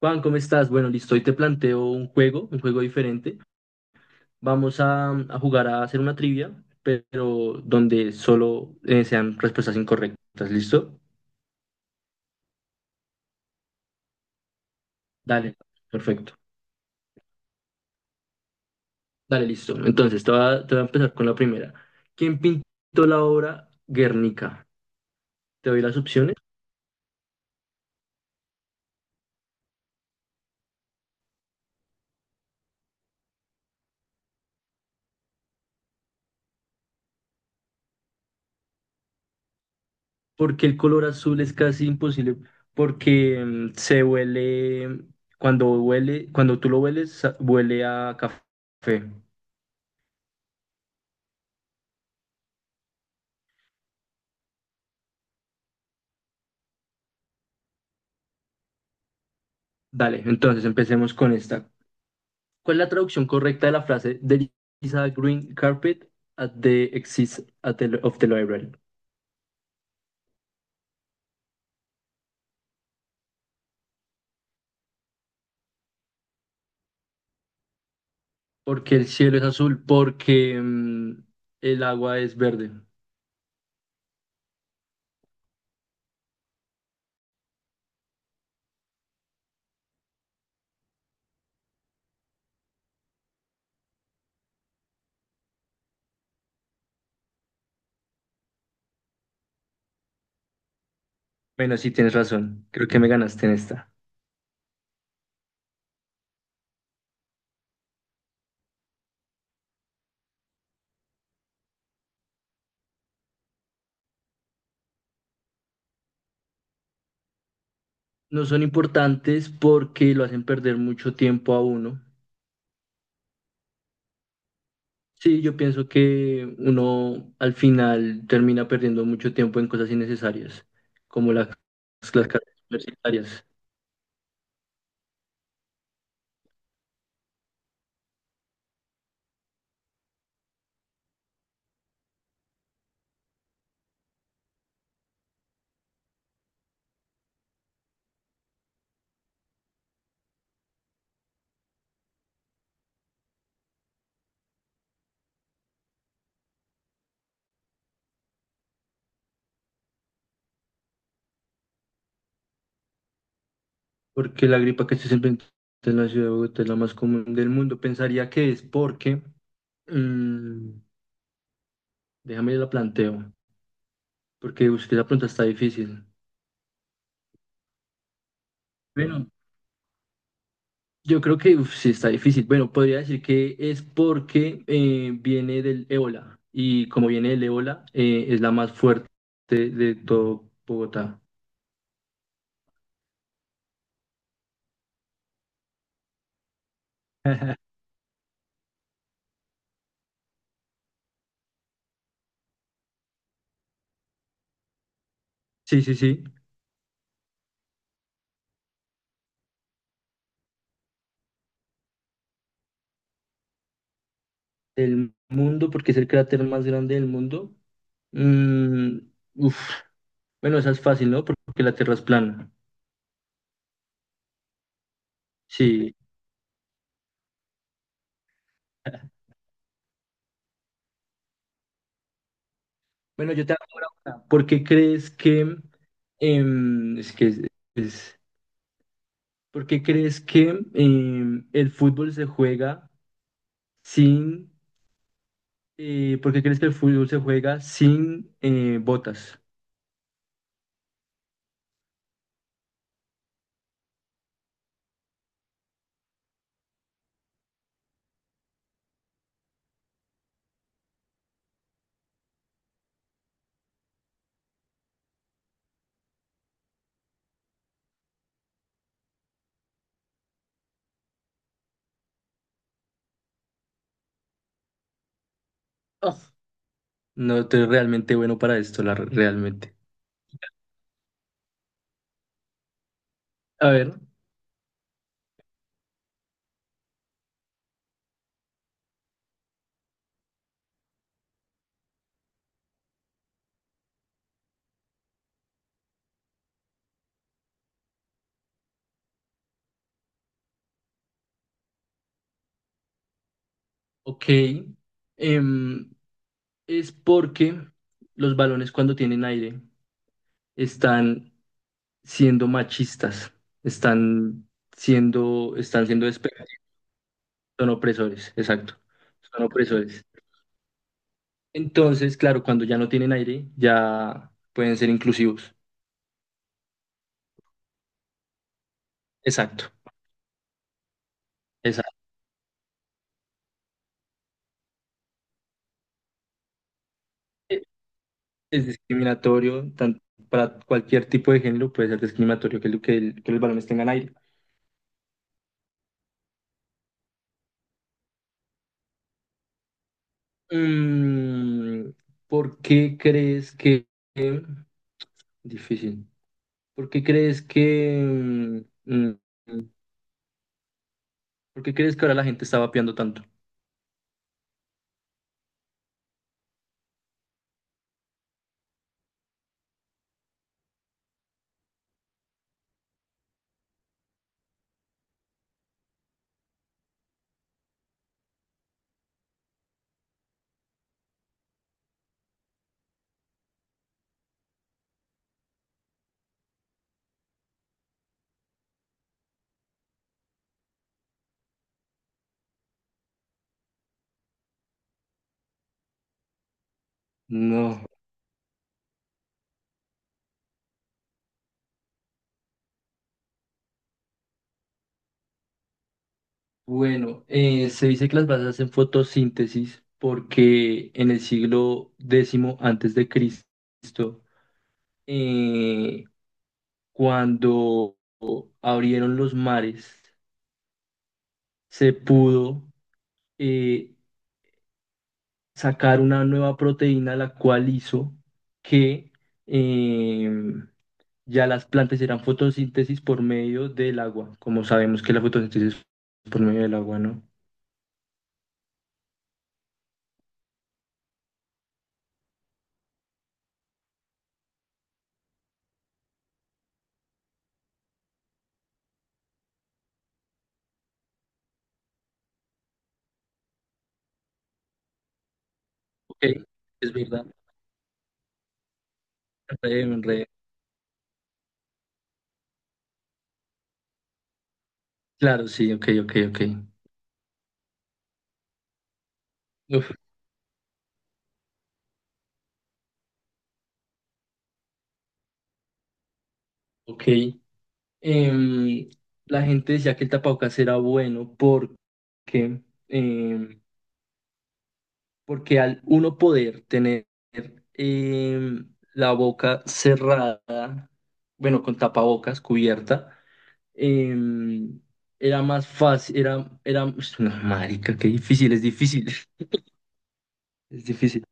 Juan, ¿cómo estás? Bueno, listo, hoy te planteo un juego diferente. Vamos a jugar a hacer una trivia, pero donde solo sean respuestas incorrectas, ¿listo? Dale, perfecto. Dale, listo. Entonces, te voy a empezar con la primera. ¿Quién pintó la obra Guernica? Te doy las opciones. Porque el color azul es casi imposible, porque se huele, cuando tú lo hueles, huele a café. Dale, entonces empecemos con esta. ¿Cuál es la traducción correcta de la frase There is a green carpet at the of the library? Porque el cielo es azul, porque el agua es verde. Bueno, sí, tienes razón. Creo que me ganaste en esta. No son importantes porque lo hacen perder mucho tiempo a uno. Sí, yo pienso que uno al final termina perdiendo mucho tiempo en cosas innecesarias, como las carreras universitarias. Porque la gripa que se presenta en la ciudad de Bogotá es la más común del mundo. Pensaría que es porque, mm, déjame la planteo, porque usted la pregunta está difícil. Bueno, yo creo que uf, sí está difícil. Bueno, podría decir que es porque viene del ébola y como viene del ébola, es la más fuerte de todo Bogotá. Sí, sí, sí. El mundo, porque es el cráter más grande del mundo. Mm, uf. Bueno, esa es fácil, ¿no? Porque la Tierra es plana. Sí, bueno, yo te hago ahora una. ¿Por qué crees que, em, es que es- ¿Por qué crees que el fútbol se juega sin, ¿por qué crees que el fútbol se juega sin botas? Oh, no estoy realmente bueno para esto, la, realmente. A ver, ok. em, es porque los balones cuando tienen aire están siendo machistas, están están siendo... Son opresores, exacto. Son opresores. Entonces, claro, cuando ya no tienen aire, ya pueden ser inclusivos. Exacto. Exacto. Es discriminatorio, tanto para cualquier tipo de género puede ser discriminatorio que, lo- que, el- que los balones tengan aire. Mm, ¿por qué crees que... Difícil. ¿Por qué crees que... mm, mm, ¿Por qué crees que ahora la gente está vapeando tanto? No. Bueno, se dice que las bases hacen fotosíntesis porque en el siglo décimo antes de Cristo, eh, cuando abrieron los mares, se pudo eh, sacar una nueva proteína, la cual hizo que eh, ya las plantas eran fotosíntesis por medio del agua, como sabemos que la fotosíntesis es por medio del agua, ¿no? Ok, es verdad. Re, claro, sí, ok, ok, ok. Uf, ok. Em, la gente decía que el tapabocas era bueno porque, em, porque al uno poder tener la boca cerrada, bueno, con tapabocas cubierta, em, era más fácil, era, ush, no, marica, qué difícil, es difícil, es difícil.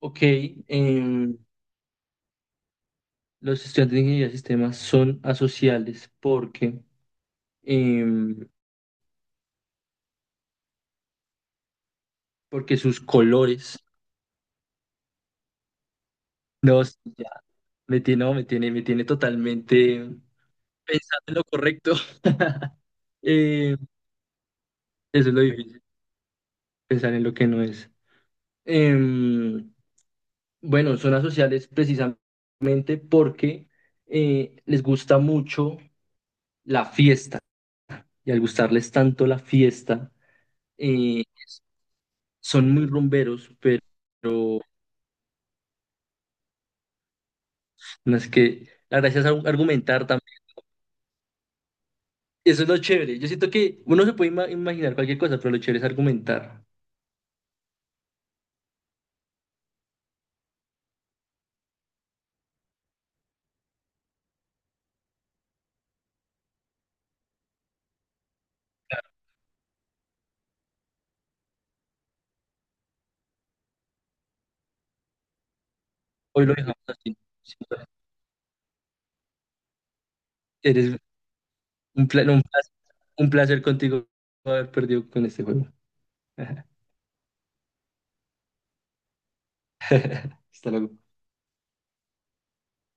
Ok, em, los estudiantes de ingeniería de sistemas son asociales porque... em, porque sus colores, no, sí, ya, me tiene, no, me tiene totalmente pensando en lo correcto. Eh, eso es lo difícil, pensar en lo que no es. Em, bueno, zonas sociales precisamente porque les gusta mucho la fiesta y al gustarles tanto la fiesta, eh, son muy rumberos, pero no, es que la gracia es argumentar. Eso es lo chévere. Yo siento que uno se puede imaginar cualquier cosa, pero lo chévere es argumentar. Hoy lo dejamos así. Eres un no, un placer contigo haber perdido con este juego. Hasta luego.